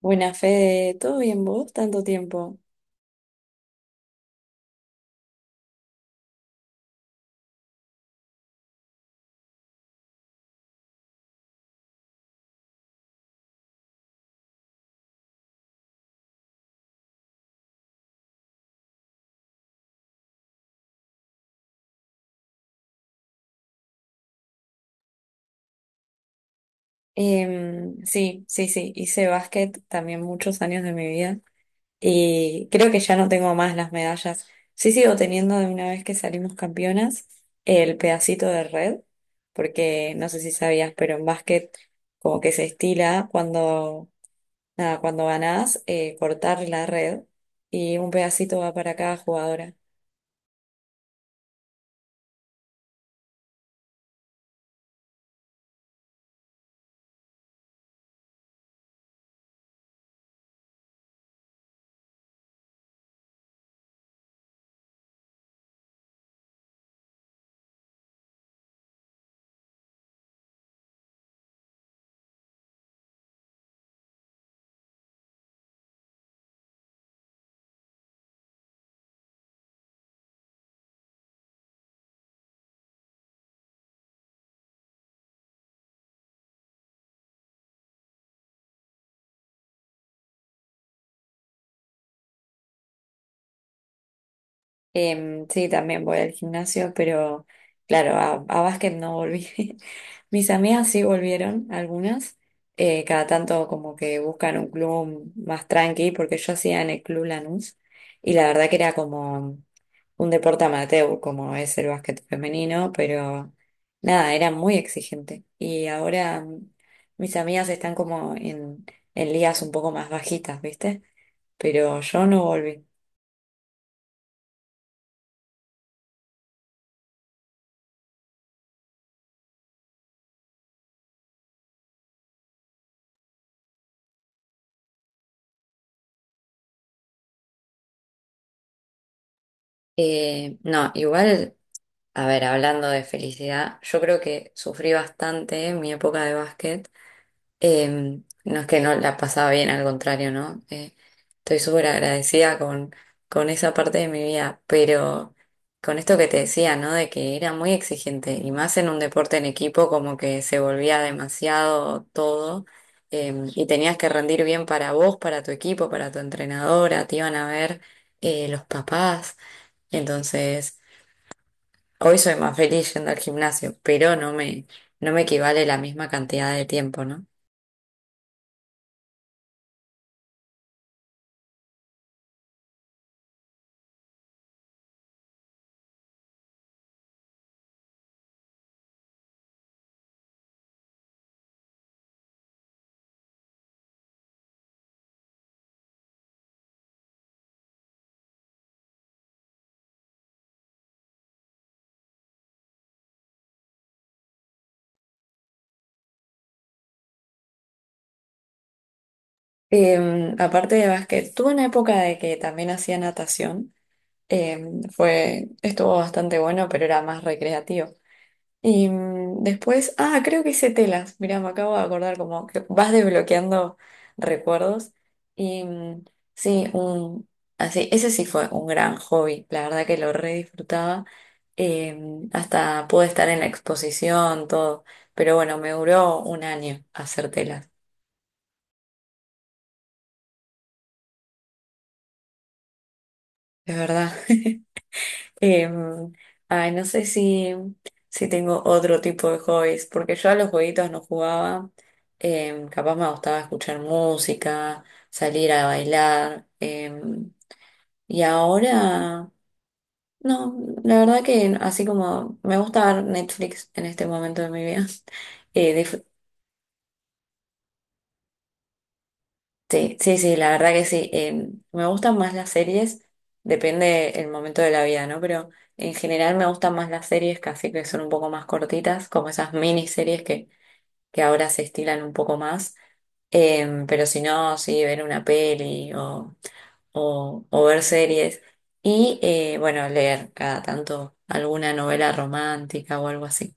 Buena Fede, ¿todo bien vos? Tanto tiempo. Sí, sí, sí, hice básquet también muchos años de mi vida y creo que ya no tengo más las medallas. Sí sigo teniendo de una vez que salimos campeonas el pedacito de red, porque no sé si sabías, pero en básquet como que se estila cuando, nada, cuando ganás cortar la red y un pedacito va para cada jugadora. Sí, también voy al gimnasio, pero claro, a básquet no volví. Mis amigas sí volvieron, algunas. Cada tanto como que buscan un club más tranqui, porque yo hacía en el Club Lanús y la verdad que era como un deporte amateur, como es el básquet femenino, pero nada, era muy exigente. Y ahora mis amigas están como en ligas un poco más bajitas, ¿viste? Pero yo no volví. No, igual. A ver, hablando de felicidad, yo creo que sufrí bastante en mi época de básquet. No es que no la pasaba bien, al contrario, ¿no? Estoy súper agradecida con esa parte de mi vida, pero con esto que te decía, ¿no? De que era muy exigente y más en un deporte en equipo, como que se volvía demasiado todo y tenías que rendir bien para vos, para tu equipo, para tu entrenadora, te iban a ver los papás. Entonces, hoy soy más feliz yendo al gimnasio, pero no me equivale la misma cantidad de tiempo, ¿no? Aparte de básquet, tuve una época de que también hacía natación. Fue, estuvo bastante bueno, pero era más recreativo. Y después, ah, creo que hice telas. Mirá, me acabo de acordar como que vas desbloqueando recuerdos. Y sí, un, así, ese sí fue un gran hobby. La verdad que lo re disfrutaba. Eh, Hasta pude estar en la exposición, todo. Pero bueno, me duró un año hacer telas. Es verdad. Em, Ay, no sé si, si tengo otro tipo de hobbies, porque yo a los jueguitos no jugaba. Capaz me gustaba escuchar música, salir a bailar. Y ahora, no, la verdad que así como me gusta ver Netflix en este momento de mi vida, eh, sí, sí, sí, la verdad que sí. Me gustan más las series, depende el momento de la vida, ¿no? Pero en general me gustan más las series casi que son un poco más cortitas, como esas miniseries que ahora se estilan un poco más. Pero si no, sí, ver una peli o ver series. Y bueno, leer cada tanto alguna novela romántica o algo así.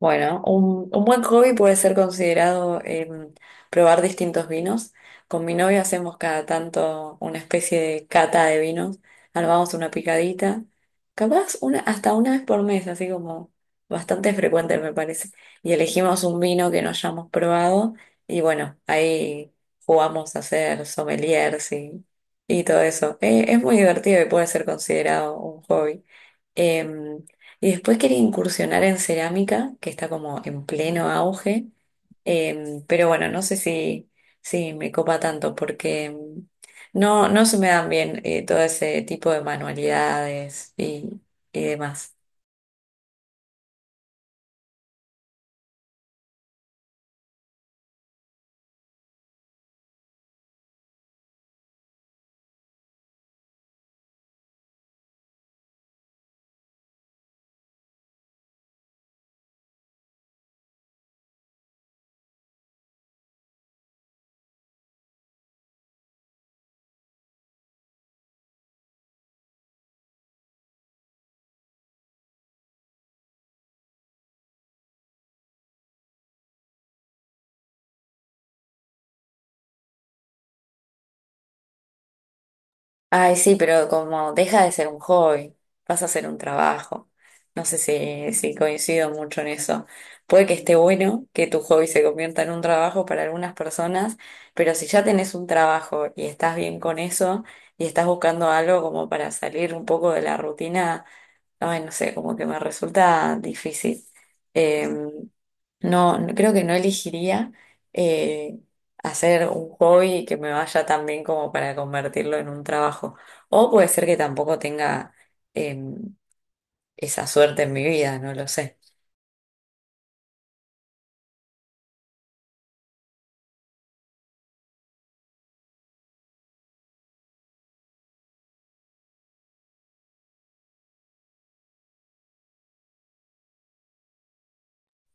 Bueno, un buen hobby puede ser considerado probar distintos vinos. Con mi novio hacemos cada tanto una especie de cata de vinos, armamos una picadita, capaz una, hasta una vez por mes, así como bastante frecuente me parece. Y elegimos un vino que no hayamos probado y bueno, ahí jugamos a ser sommeliers y todo eso. Es muy divertido y puede ser considerado un hobby. Em, y después quería incursionar en cerámica, que está como en pleno auge, pero bueno, no sé si, si me copa tanto porque no, no se me dan bien todo ese tipo de manualidades y demás. Ay, sí, pero como deja de ser un hobby, pasa a ser un trabajo. No sé si, si coincido mucho en eso. Puede que esté bueno que tu hobby se convierta en un trabajo para algunas personas, pero si ya tenés un trabajo y estás bien con eso y estás buscando algo como para salir un poco de la rutina, ay, no sé, como que me resulta difícil. Em, Creo que no elegiría eh, hacer un hobby que me vaya tan bien como para convertirlo en un trabajo. O puede ser que tampoco tenga em, esa suerte en mi vida, no lo sé.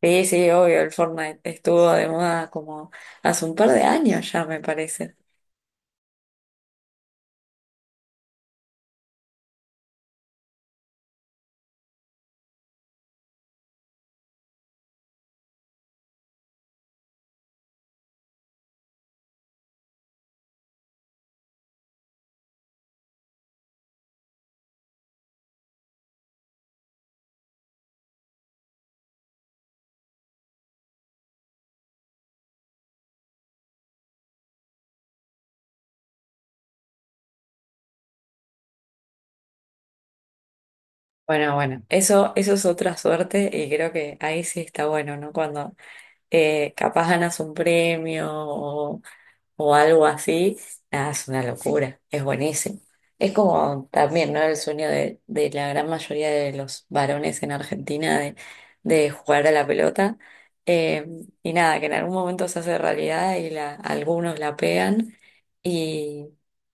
Sí, sí, obvio, el Fortnite estuvo de moda como hace un par de años ya, me parece. Bueno, bueno, eso es otra suerte y creo que ahí sí está bueno, ¿no? Cuando capaz ganas un premio o algo así, nada, es una locura, es buenísimo. Es como también, ¿no? El sueño de la gran mayoría de los varones en Argentina de jugar a la pelota. Eh, y nada, que en algún momento se hace realidad y la, algunos la pegan y,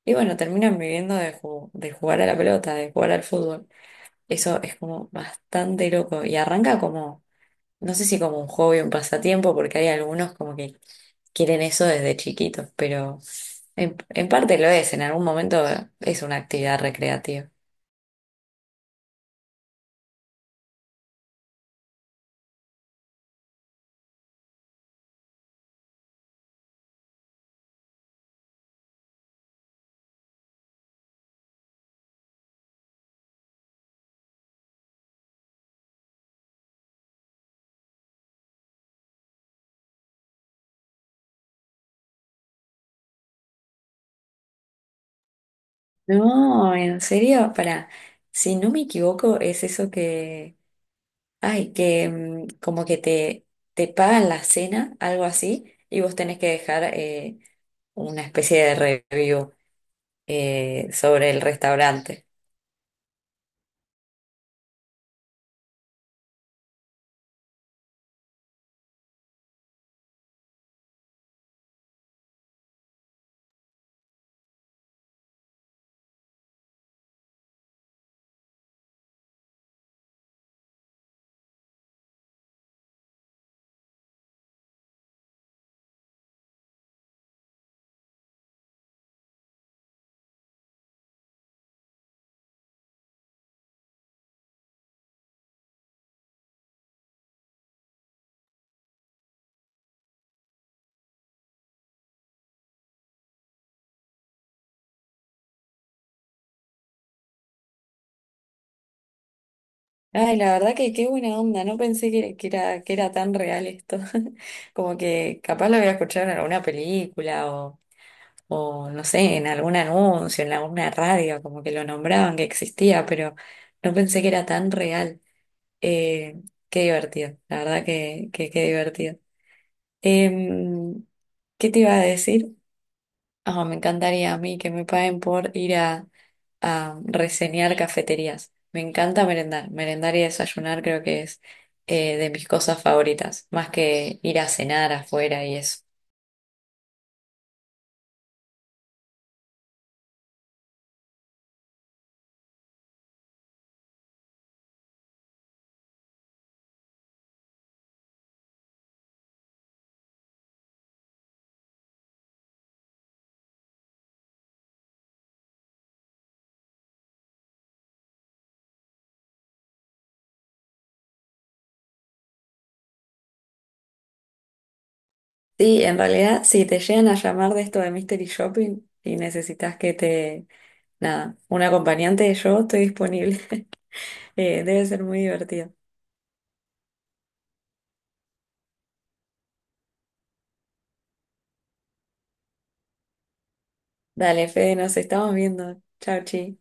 y bueno, terminan viviendo de, de jugar a la pelota, de jugar al fútbol. Eso es como bastante loco y arranca como no sé si como un hobby o un pasatiempo, porque hay algunos como que quieren eso desde chiquitos, pero en parte lo es, en algún momento es una actividad recreativa. No, en serio, para, si no me equivoco, es eso que, ay, que como que te pagan la cena, algo así, y vos tenés que dejar una especie de review sobre el restaurante. Ay, la verdad que qué buena onda, no pensé que era tan real esto. Como que capaz lo había escuchado en alguna película o no sé, en algún anuncio, en alguna radio, como que lo nombraban que existía, pero no pensé que era tan real. Eh, Qué divertido, la verdad que qué divertido. Em, ¿Qué te iba a decir? Ah, me encantaría a mí que me paguen por ir a reseñar cafeterías. Me encanta merendar. Merendar y desayunar creo que es de mis cosas favoritas, más que ir a cenar afuera y eso. Sí, en realidad, si te llegan a llamar de esto de Mystery Shopping y necesitas nada, un acompañante, yo estoy disponible. Debe ser muy divertido. Dale, Fede, nos estamos viendo. Chau, chi.